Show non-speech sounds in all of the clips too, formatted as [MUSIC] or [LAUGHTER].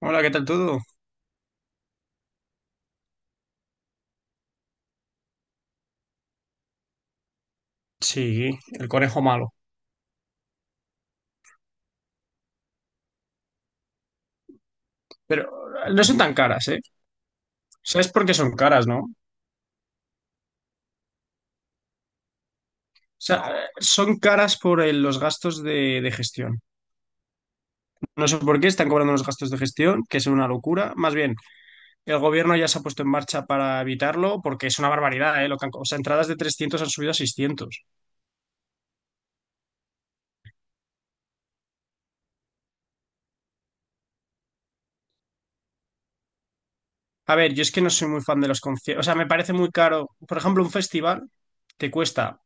Hola, ¿qué tal todo? Sí, el conejo malo. Pero no son tan caras, ¿eh? ¿Sabes por qué son caras, no? O sea, son caras por los gastos de gestión. No sé por qué están cobrando los gastos de gestión, que es una locura. Más bien, el gobierno ya se ha puesto en marcha para evitarlo, porque es una barbaridad, ¿eh? Lo que han o sea, entradas de 300 han subido a 600. A ver, yo es que no soy muy fan de los conciertos. O sea, me parece muy caro. Por ejemplo, un festival te cuesta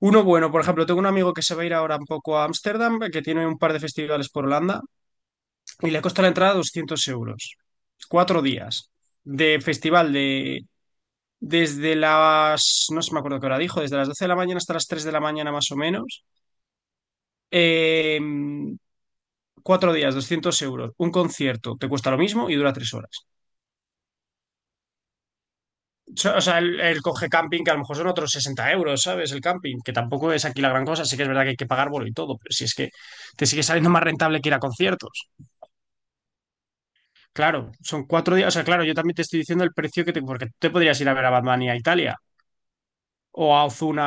uno bueno. Por ejemplo, tengo un amigo que se va a ir ahora un poco a Ámsterdam, que tiene un par de festivales por Holanda, y le costó la entrada 200 euros. 4 días de festival de desde las, no sé me acuerdo qué hora dijo, desde las 12 de la mañana hasta las 3 de la mañana más o menos. Eh, 4 días, 200 euros. Un concierto te cuesta lo mismo y dura 3 horas. O sea, el coge camping, que a lo mejor son otros 60 euros, ¿sabes? El camping, que tampoco es aquí la gran cosa. Sí que es verdad que hay que pagar bolo y todo, pero si es que te sigue saliendo más rentable que ir a conciertos. Claro, son 4 días. O sea, claro, yo también te estoy diciendo el precio que te. Porque tú te podrías ir a ver a Batman y a Italia o a Ozuna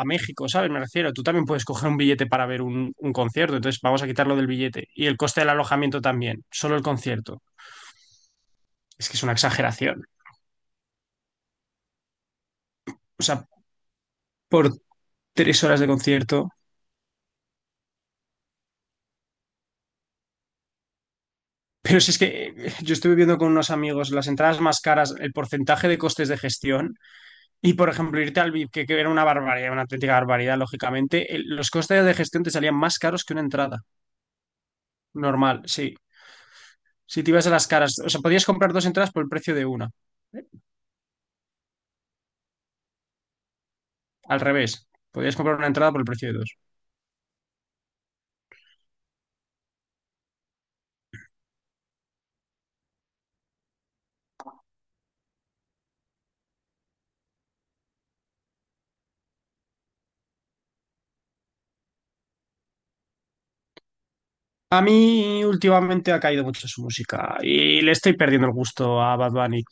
a México, ¿sabes? Me refiero, tú también puedes coger un billete para ver un concierto, entonces vamos a quitarlo del billete. Y el coste del alojamiento también, solo el concierto. Es que es una exageración. O sea, por 3 horas de concierto. Pero si es que yo estuve viendo con unos amigos las entradas más caras, el porcentaje de costes de gestión y, por ejemplo, irte al VIP, que era una barbaridad, una auténtica barbaridad, lógicamente, los costes de gestión te salían más caros que una entrada normal, sí. Si te ibas a las caras, o sea, podías comprar dos entradas por el precio de una. Al revés, podías comprar una entrada por el precio de dos. A mí últimamente ha caído mucho su música y le estoy perdiendo el gusto a Bad Bunny.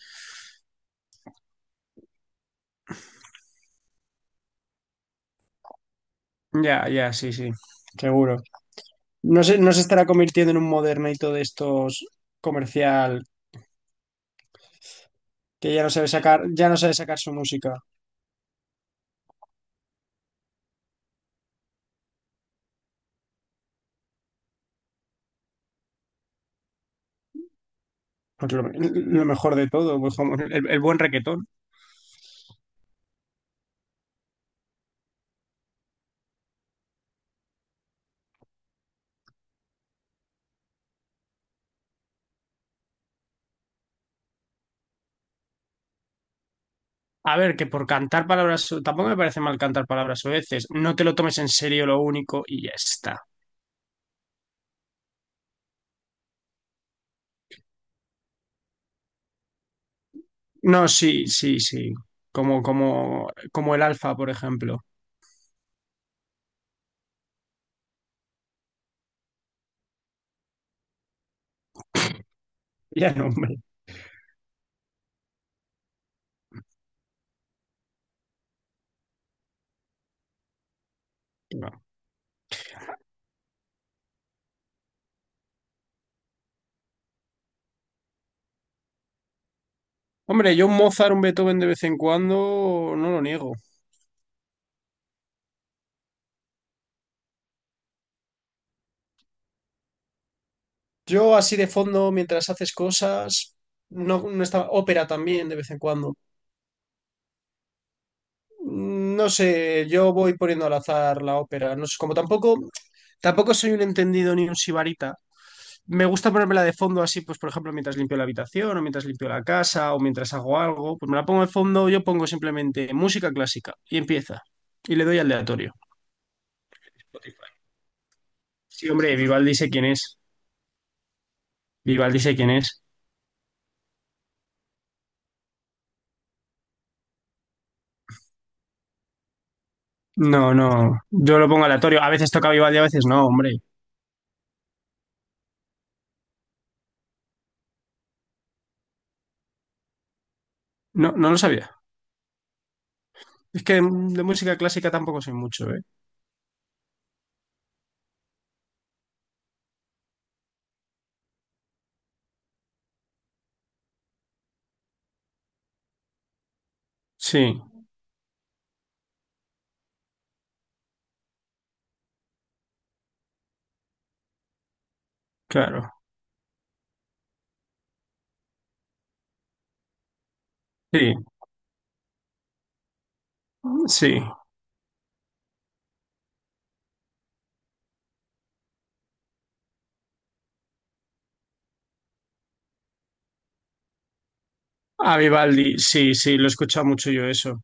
Ya, ya, sí, sí, seguro. No se estará convirtiendo en un modernito de estos comercial que ya no sabe sacar su música. Pues lo mejor de todo, pues como el buen requetón. A ver, que por cantar palabras, tampoco me parece mal cantar palabras veces. No te lo tomes en serio lo único y ya está. No, sí, sí, sí. Como el Alfa, por ejemplo. [LAUGHS] Ya no, hombre. No. Hombre, yo un Mozart, un Beethoven de vez en cuando, no lo niego. Yo así de fondo, mientras haces cosas, no, no estaba. Ópera también de vez en cuando. No sé, yo voy poniendo al azar la ópera. No sé, como tampoco soy un entendido ni un sibarita. Me gusta ponérmela de fondo así, pues por ejemplo, mientras limpio la habitación o mientras limpio la casa o mientras hago algo, pues me la pongo de fondo, yo pongo simplemente música clásica y empieza. Y le doy al aleatorio. Spotify. Sí, hombre, Vivaldi sé quién es. Vivaldi sé quién es. No, no, yo lo pongo aleatorio. A veces toca Vivaldi, a veces no, hombre. No, no lo sabía. Es que de música clásica tampoco soy mucho, ¿eh? Sí, claro. Sí, sí. A Vivaldi, sí, sí, lo he escuchado mucho yo eso.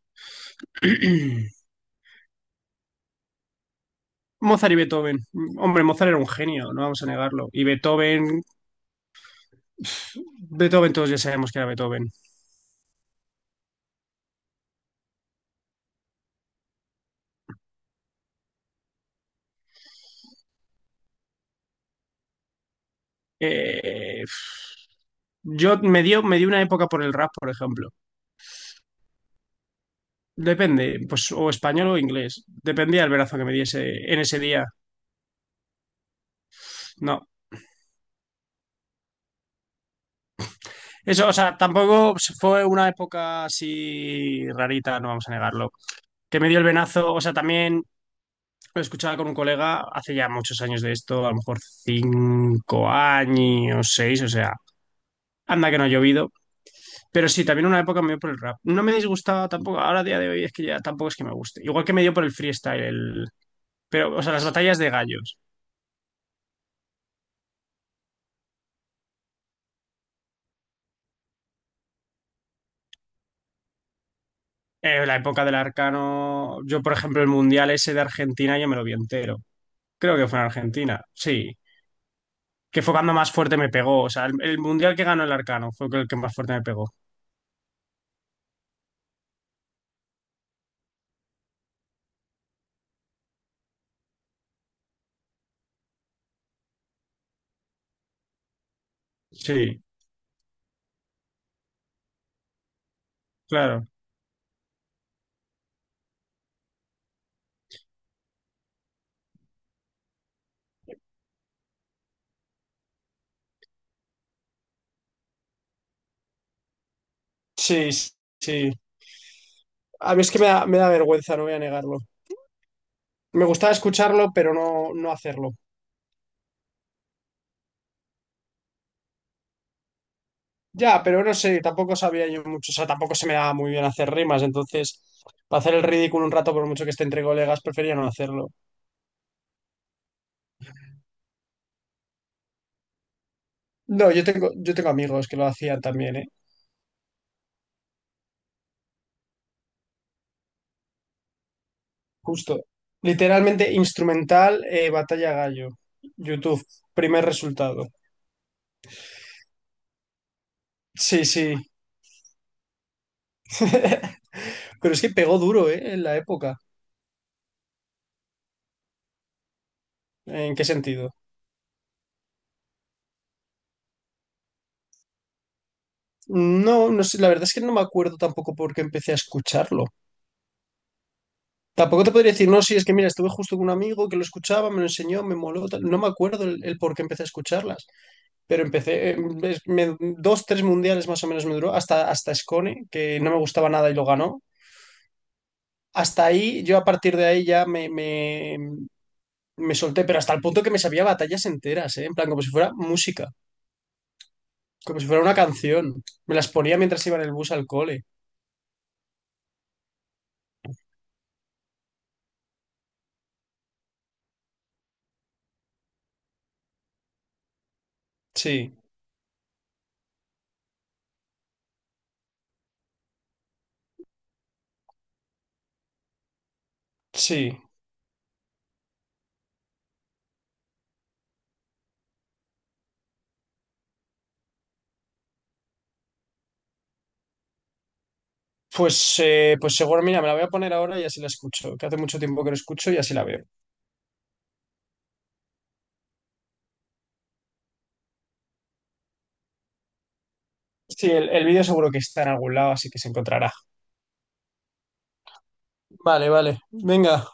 [CLEARS THROAT] Mozart y Beethoven. Hombre, Mozart era un genio, no vamos a negarlo. Y Beethoven todos ya sabemos que era Beethoven. Eh, yo me dio una época por el rap, por ejemplo. Depende, pues o español o inglés. Dependía el verazo que me diese en ese día. No. Eso, o sea, tampoco fue una época así rarita, no vamos a negarlo. Que me dio el venazo, o sea, también lo escuchaba con un colega hace ya muchos años de esto, a lo mejor 5 años, seis, o sea, anda que no ha llovido. Pero sí, también una época me dio por el rap. No me disgustaba tampoco. Ahora, a día de hoy, es que ya tampoco es que me guste. Igual que me dio por el freestyle. Pero, o sea, las batallas de gallos. La época del Arcano. Yo, por ejemplo, el mundial ese de Argentina, yo me lo vi entero. Creo que fue en Argentina. Sí. Que fue cuando más fuerte me pegó. O sea, el mundial que ganó el Arcano fue el que más fuerte me pegó. Sí, claro. Sí, sí. A mí es que me da vergüenza, no voy a negarlo. Me gustaba escucharlo, pero no hacerlo. Ya, pero no sé, tampoco sabía yo mucho, o sea, tampoco se me daba muy bien hacer rimas, entonces, para hacer el ridículo un rato, por mucho que esté entre colegas, prefería no hacerlo. No, yo tengo amigos que lo hacían también, ¿eh? Justo. Literalmente, instrumental, Batalla Gallo, YouTube, primer resultado. Sí, sí. [LAUGHS] Pero es que pegó duro, ¿eh? En la época. ¿En qué sentido? No, no sé, la verdad es que no me acuerdo tampoco por qué empecé a escucharlo. Tampoco te podría decir, no, sí, es que mira, estuve justo con un amigo que lo escuchaba, me lo enseñó, me moló, tal. No me acuerdo el por qué empecé a escucharlas, pero empecé, dos, tres mundiales más o menos me duró, hasta Scone, que no me gustaba nada y lo ganó. Hasta ahí, yo a partir de ahí ya me solté, pero hasta el punto que me sabía batallas enteras, ¿eh? En plan, como si fuera música, como si fuera una canción. Me las ponía mientras iba en el bus al cole. Sí, sí. Pues, seguro, mira, me la voy a poner ahora y así la escucho, que hace mucho tiempo que no escucho y así la veo. Sí, el vídeo seguro que está en algún lado, así que se encontrará. Vale, vale. Venga.